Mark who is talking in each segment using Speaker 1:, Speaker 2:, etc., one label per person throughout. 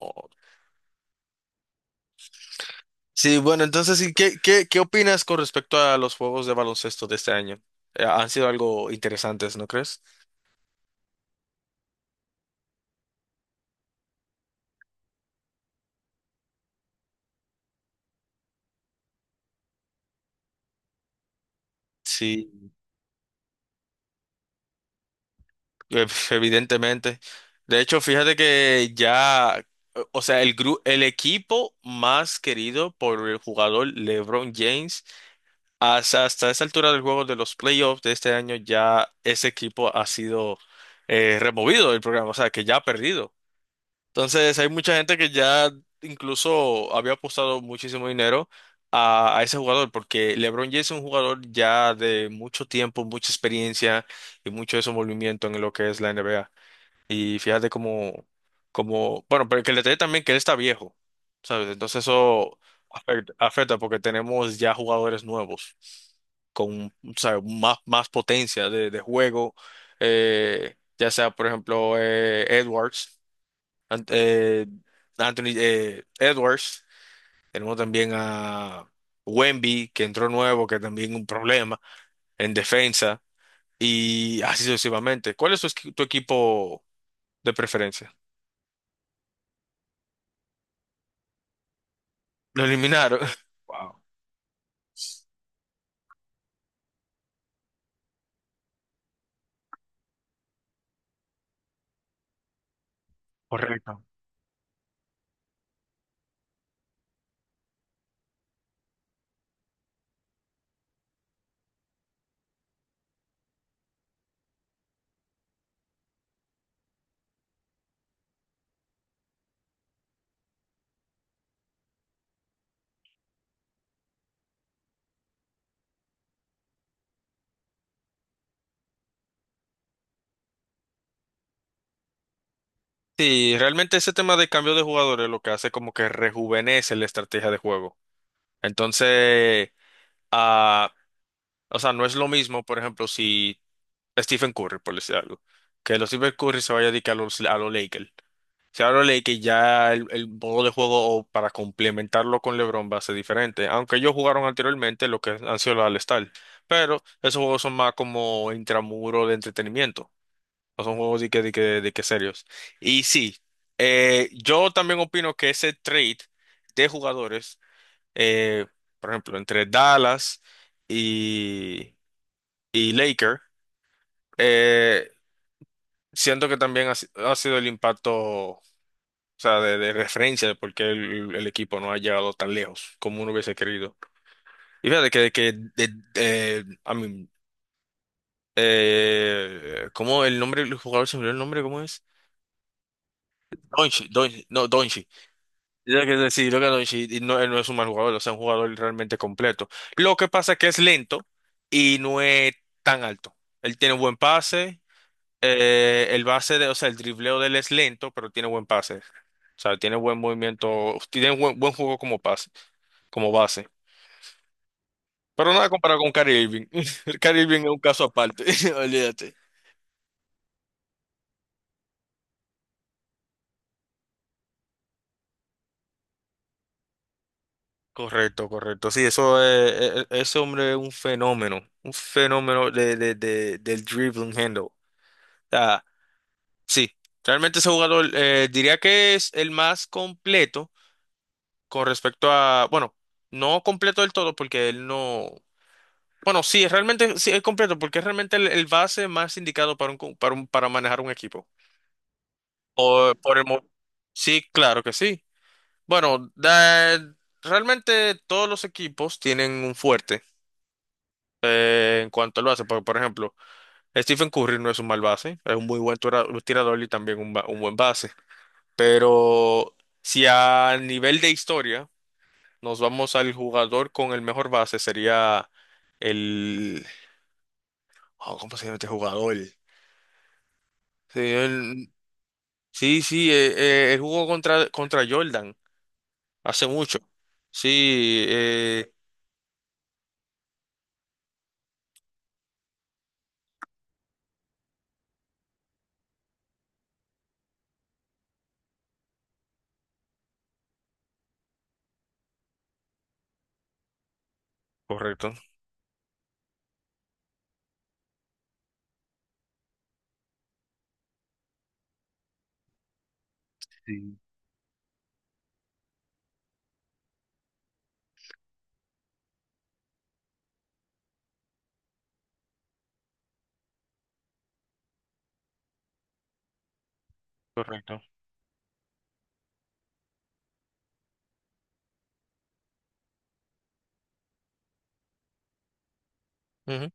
Speaker 1: Oh. Sí, bueno, entonces, ¿Qué opinas con respecto a los juegos de baloncesto de este año? Han sido algo interesantes, ¿no crees? Sí, evidentemente. De hecho, fíjate que ya, o sea, el equipo más querido por el jugador LeBron James, hasta esa altura del juego de los playoffs de este año, ya ese equipo ha sido removido del programa, o sea, que ya ha perdido. Entonces, hay mucha gente que ya incluso había apostado muchísimo dinero a ese jugador, porque LeBron James es un jugador ya de mucho tiempo, mucha experiencia y mucho desenvolvimiento en lo que es la NBA. Y fíjate cómo, bueno, pero que el detalle también que él está viejo, ¿sabes? Entonces eso afecta, afecta porque tenemos ya jugadores nuevos con, ¿sabes? Más, más potencia de juego, ya sea, por ejemplo, Edwards. Ant- eh, Anthony Edwards, tenemos también a Wemby, que entró nuevo, que también un problema en defensa, y así sucesivamente. ¿Cuál es tu equipo de preferencia? Lo eliminaron. Correcto. Sí, realmente ese tema de cambio de jugadores lo que hace como que rejuvenece la estrategia de juego. Entonces, ah, o sea, no es lo mismo, por ejemplo, si Stephen Curry, por decir algo, que los Stephen Curry se vaya a dedicar a los Lakers. Se habla de que ya el modo de juego o para complementarlo con LeBron va a ser diferente, aunque ellos jugaron anteriormente lo que han sido los All-Star, pero esos juegos son más como intramuro de entretenimiento, no son juegos de que serios. Y sí, yo también opino que ese trade de jugadores, eh, por ejemplo, entre Dallas y, y Laker, eh, siento que también ha, si- ha sido el impacto. O sea, de referencia de por qué el equipo no ha llegado tan lejos como uno hubiese querido. Y fíjate que de- I mean, ¿cómo el nombre del jugador se me olvidó el nombre? ¿Cómo es? Doncic, Doncic, no, Doncic. Yo creo que sí, lo que Doncic y no, él no es un mal jugador, o sea, un jugador realmente completo. Lo que pasa es que es lento y no es tan alto. Él tiene buen pase. El base de, o sea, el dribleo de él es lento, pero tiene buen pase. O sea, tiene buen movimiento, tiene buen, buen juego como pase, como base. Pero nada comparado con Kyrie Irving. Kyrie Irving es un caso aparte, olvídate. Correcto, correcto. Sí, eso es, ese hombre es un fenómeno del dribbling handle. O sea, sí, realmente ese jugador diría que es el más completo con respecto a, bueno, no completo del todo porque él no. Bueno, sí, es realmente sí, es completo porque es realmente el base más indicado para un, cu- para un- para manejar un equipo. O por el mo- Sí, claro que sí. Bueno, realmente todos los equipos tienen un fuerte en cuanto al base. Por ejemplo, Stephen Curry no es un mal base, es un muy buen tirador y también un buen base. Pero si a nivel de historia nos vamos al jugador con el mejor base sería el oh, ¿cómo se llama este jugador? Sí, sí, sí, él jugó contra Jordan hace mucho. Sí, correcto. Sí, correcto. Ujú,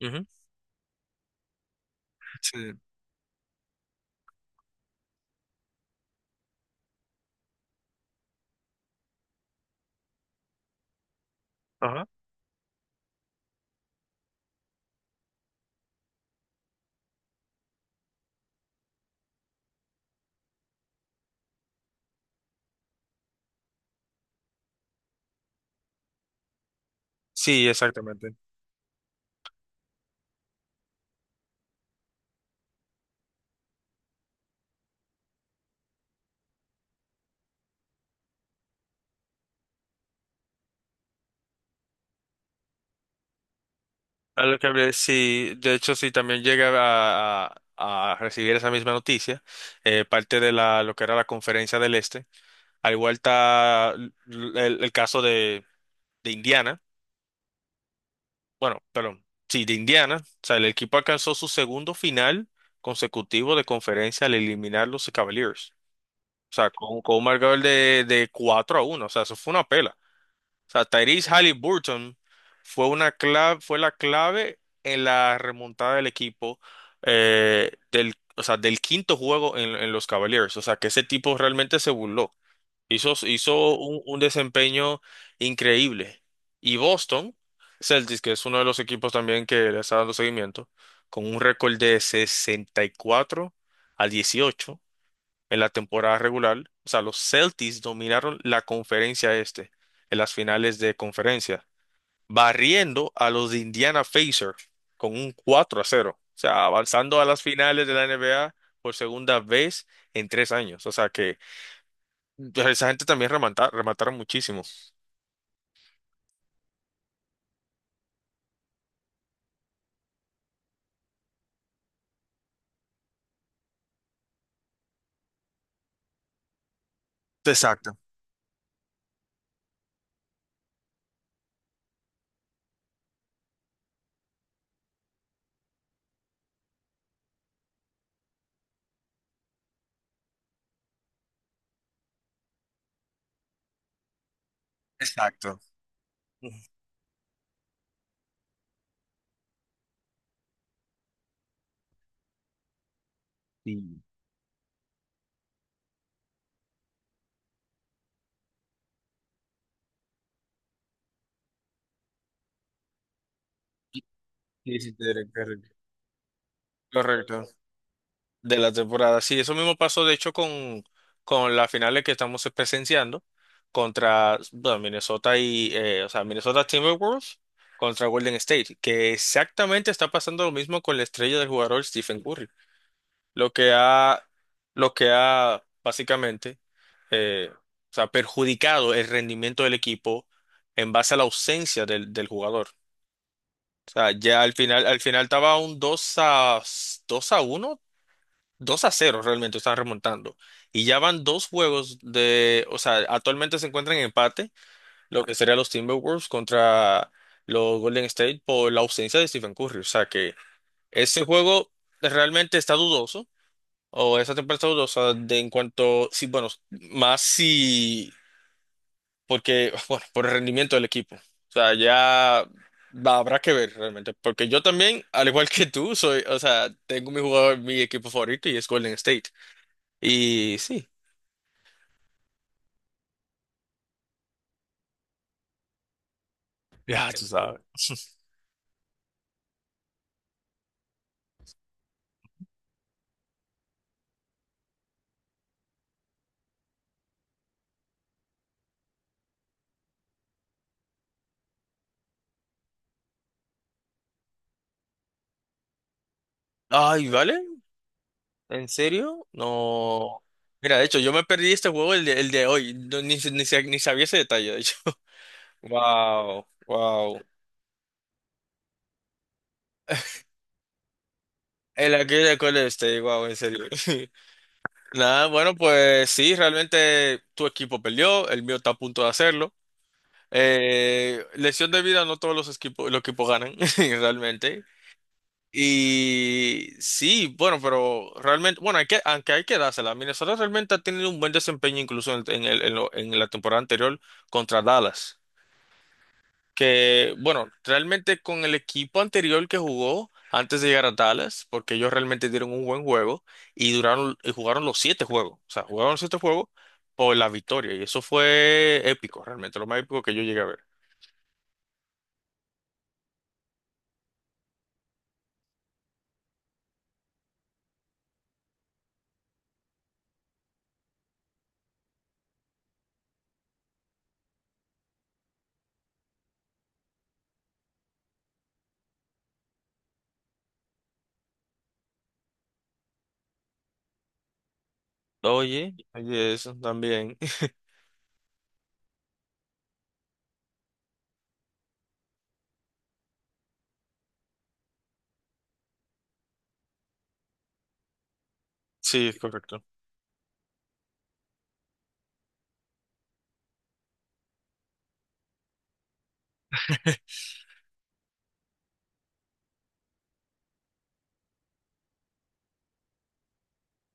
Speaker 1: ujú. Sí, ajá. Sí, exactamente. A lo que hablé, sí, de hecho, sí, también llega a recibir esa misma noticia, parte de la, lo que era la conferencia del Este. Al igual está el caso de Indiana. Bueno, perdón, sí, de Indiana, o sea, el equipo alcanzó su segundo final consecutivo de conferencia al eliminar los Cavaliers. O sea, con un marcador de 4-1, o sea, eso fue una pela. O sea, Tyrese Halliburton fue, una clave, fue la clave en la remontada del equipo del, o sea, del quinto juego en los Cavaliers. O sea, que ese tipo realmente se burló. Hizo un desempeño increíble. Y Boston Celtics, que es uno de los equipos también que le está dando seguimiento, con un récord de 64-18 en la temporada regular. O sea, los Celtics dominaron la conferencia este en las finales de conferencia, barriendo a los de Indiana Pacers con un 4-0. O sea, avanzando a las finales de la NBA por segunda vez en 3 años. O sea, que pero esa gente también remataron muchísimo. Exacto, exacto. Sí. Sí, sí, te diré, correcto. Correcto. De la temporada. Sí, eso mismo pasó, de hecho, con las finales que estamos presenciando contra, bueno, Minnesota y, o sea, Minnesota Timberwolves contra Golden State, que exactamente está pasando lo mismo con la estrella del jugador Stephen Curry. Lo que ha, lo que ha básicamente o sea, perjudicado el rendimiento del equipo en base a la ausencia del jugador. O sea, ya al final estaba un 2-1 2-0 realmente, están remontando. Y ya van dos juegos de, o sea, actualmente se encuentran en empate, lo que serían los Timberwolves contra los Golden State por la ausencia de Stephen Curry. O sea que ese juego realmente está dudoso o esa temperatura, o sea, de en cuanto, sí, bueno, más si, porque, bueno, por el rendimiento del equipo. O sea, ya habrá que ver realmente, porque yo también, al igual que tú, soy, o sea, tengo mi jugador, mi equipo favorito y es Golden State. Y sí, ya, tú sabes. Ay, ¿vale? ¿En serio? No. Mira, de hecho, yo me perdí este juego el de hoy. No, ni sabía ese detalle, de hecho. Wow, wow. El aquel de Golden State, wow, en serio. Nada, bueno, pues sí, realmente tu equipo perdió, el mío está a punto de hacerlo. Lesión de vida, no todos los equipos, ganan, realmente. Y sí, bueno, pero realmente, bueno, hay que, aunque hay que dársela, Minnesota realmente ha tenido un buen desempeño incluso en el- en lo- en la temporada anterior contra Dallas que, bueno, realmente con el equipo anterior que jugó antes de llegar a Dallas, porque ellos realmente dieron un buen juego y duraron y jugaron los siete juegos, o sea, jugaron los siete juegos por la victoria y eso fue épico, realmente lo más épico que yo llegué a ver. Oye, oye, eso también. Sí, es correcto.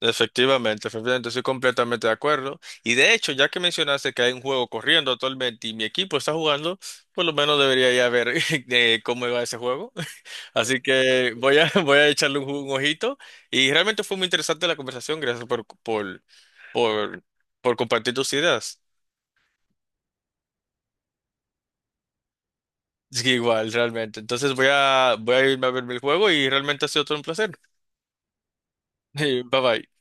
Speaker 1: Efectivamente, efectivamente, estoy completamente de acuerdo. Y de hecho, ya que mencionaste que hay un juego corriendo actualmente y mi equipo está jugando, por lo menos debería ya ver cómo va ese juego. Así que voy a echarle un ojito. Y realmente fue muy interesante la conversación. Gracias por, por compartir tus ideas. Sí, igual, realmente. Entonces voy a irme a ver el juego y realmente ha sido todo un placer. Bye bye.